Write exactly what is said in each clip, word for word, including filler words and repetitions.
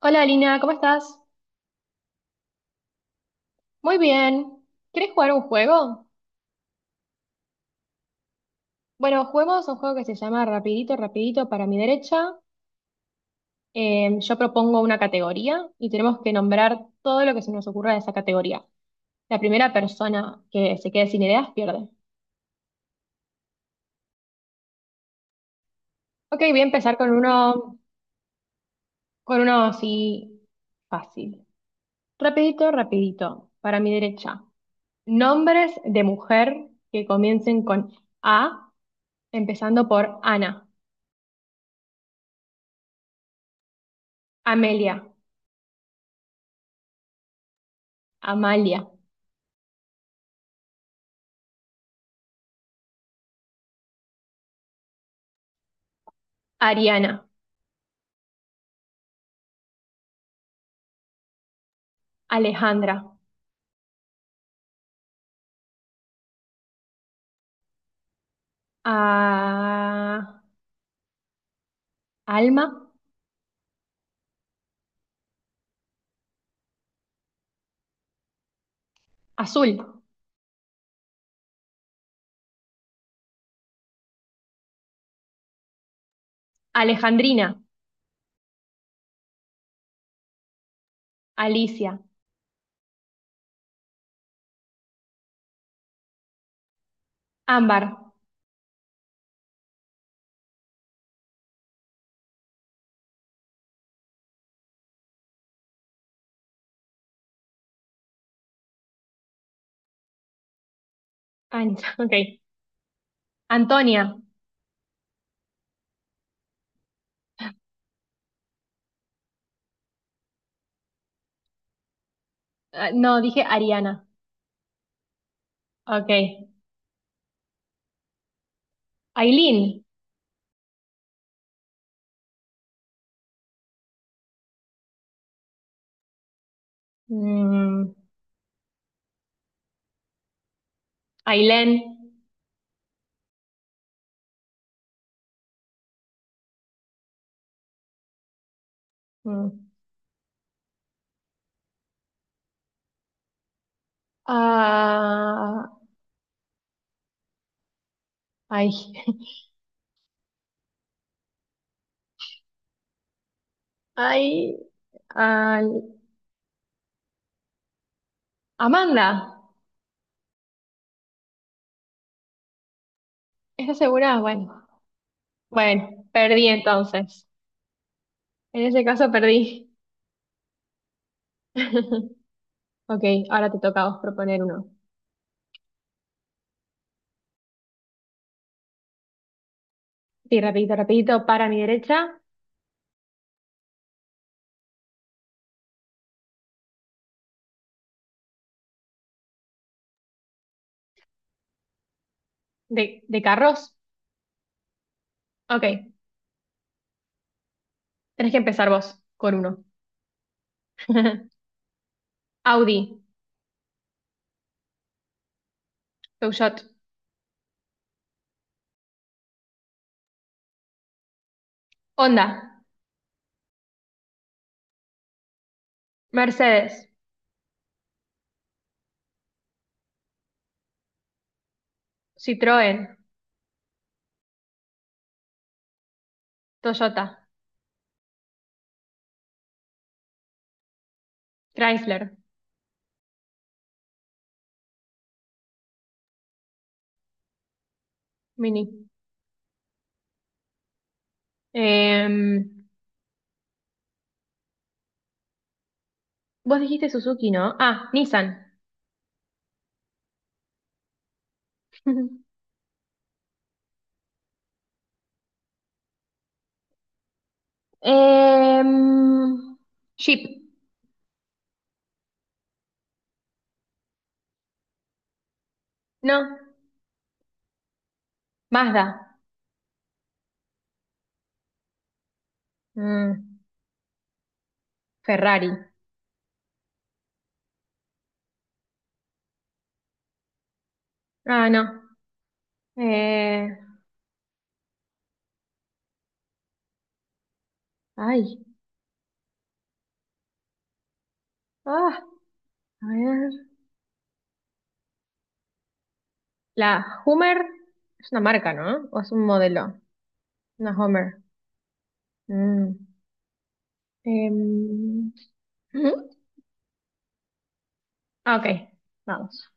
Hola Lina, ¿cómo estás? Muy bien. ¿Quieres jugar un juego? Bueno, juguemos un juego que se llama Rapidito, Rapidito para mi derecha. Eh, yo propongo una categoría y tenemos que nombrar todo lo que se nos ocurra de esa categoría. La primera persona que se quede sin ideas pierde. Ok, voy a empezar con uno, con uno así fácil. Rapidito, rapidito, para mi derecha. Nombres de mujer que comiencen con A, empezando por Ana, Amelia, Amalia. Ariana, Alejandra, a- Alma, Azul, Alejandrina, Alicia, Ámbar, Ancha, ok, Antonia, eh, no, dije Ariana, ok, Ailín, mm, Ailén, mm, ah, ay, ay, al- Amanda, ¿estás segura? Bueno, bueno, perdí entonces, en ese caso perdí. Ok, ahora te toca a vos proponer uno. Sí, rapidito, rapidito, para mi derecha, de, de carros. Ok, tenés que empezar vos con uno. Audi, Peugeot, Honda, Mercedes, Citroën, Toyota, Chrysler, Mini. Em, vos dijiste Suzuki, ¿no? Ah, Nissan. Em, Jeep, no. Mazda, Mm, Ferrari. Ah, no. Eh, ay, ah, a ver. La Hummer es una marca, ¿no? ¿O es un modelo? Una Hummer. Mm. Em, ujú. Ah, ok, vamos.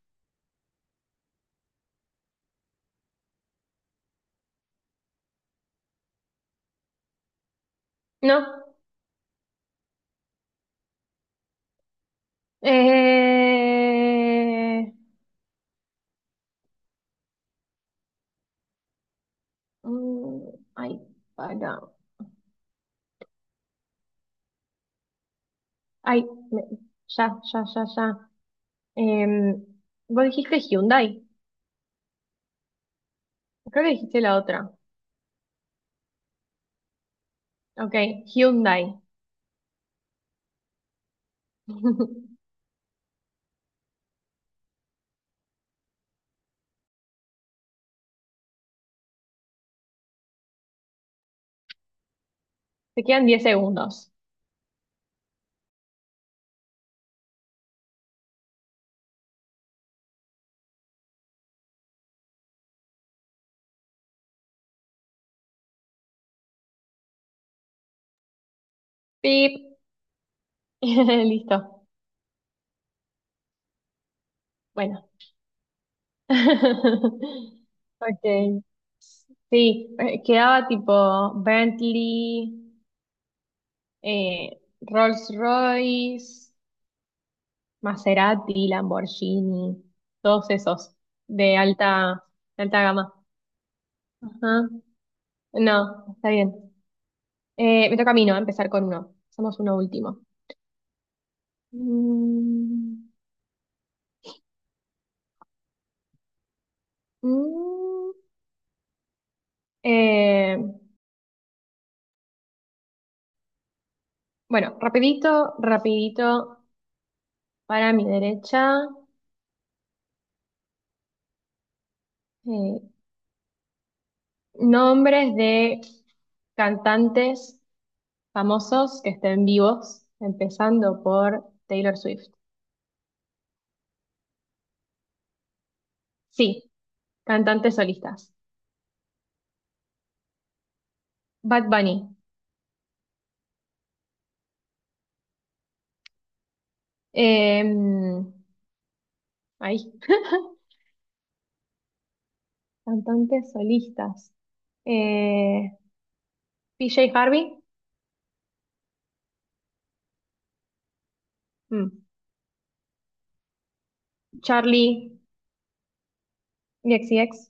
No. Eh, mm, ay, para. Ay, me- ya, ya, ya, ya. Em, vos dijiste Hyundai. Creo que dijiste la otra. Ok, Hyundai. Te quedan diez segundos. Pip. Listo. Bueno. Ok. Sí, eh, quedaba tipo Bentley, eh, Rolls-Royce, Maserati, Lamborghini, todos esos de alta, de alta gama. Ajá. No, está bien. Eh, me toca a mí, ¿no? Empezar con uno. Somos uno último. Mm, mm, eh, bueno, rapidito, rapidito, para mi derecha, eh, nombres de cantantes famosos que estén vivos, empezando por Taylor Swift. Sí, cantantes solistas. Bad Bunny. Em, ahí. Cantantes solistas. Eh, P J Harvey. Mm. Charli X C X.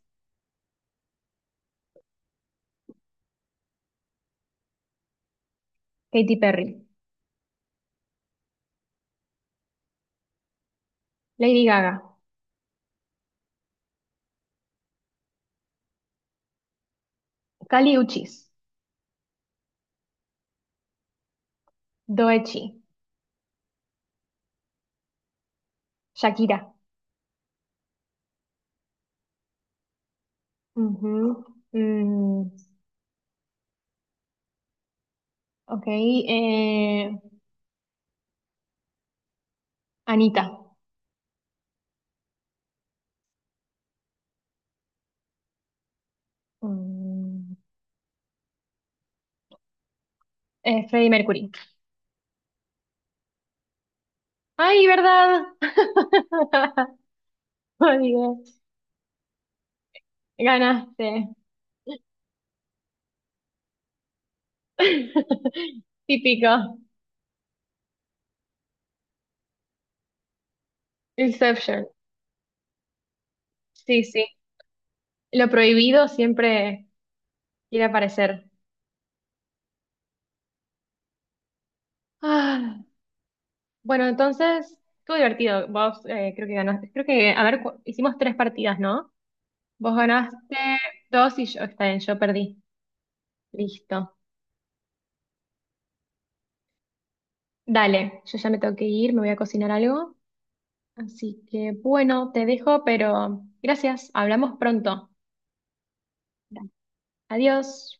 Katy Perry. Lady Gaga. Kali Uchis. Doechi. Shakira. Ujú. Mm, ok. eh, Anita. Mm, eh, Freddie Mercury. Ay, ¿verdad? Olvidé. Ganaste. Típico. Inception. Sí, sí. Lo prohibido siempre quiere aparecer. Ah, bueno, entonces, estuvo divertido. Vos eh, creo que ganaste. Creo que, a ver, cu- hicimos tres partidas, ¿no? Vos ganaste dos y yo, está bien, yo perdí. Listo. Dale, yo ya me tengo que ir, me voy a cocinar algo. Así que, bueno, te dejo, pero gracias. Hablamos pronto. Adiós.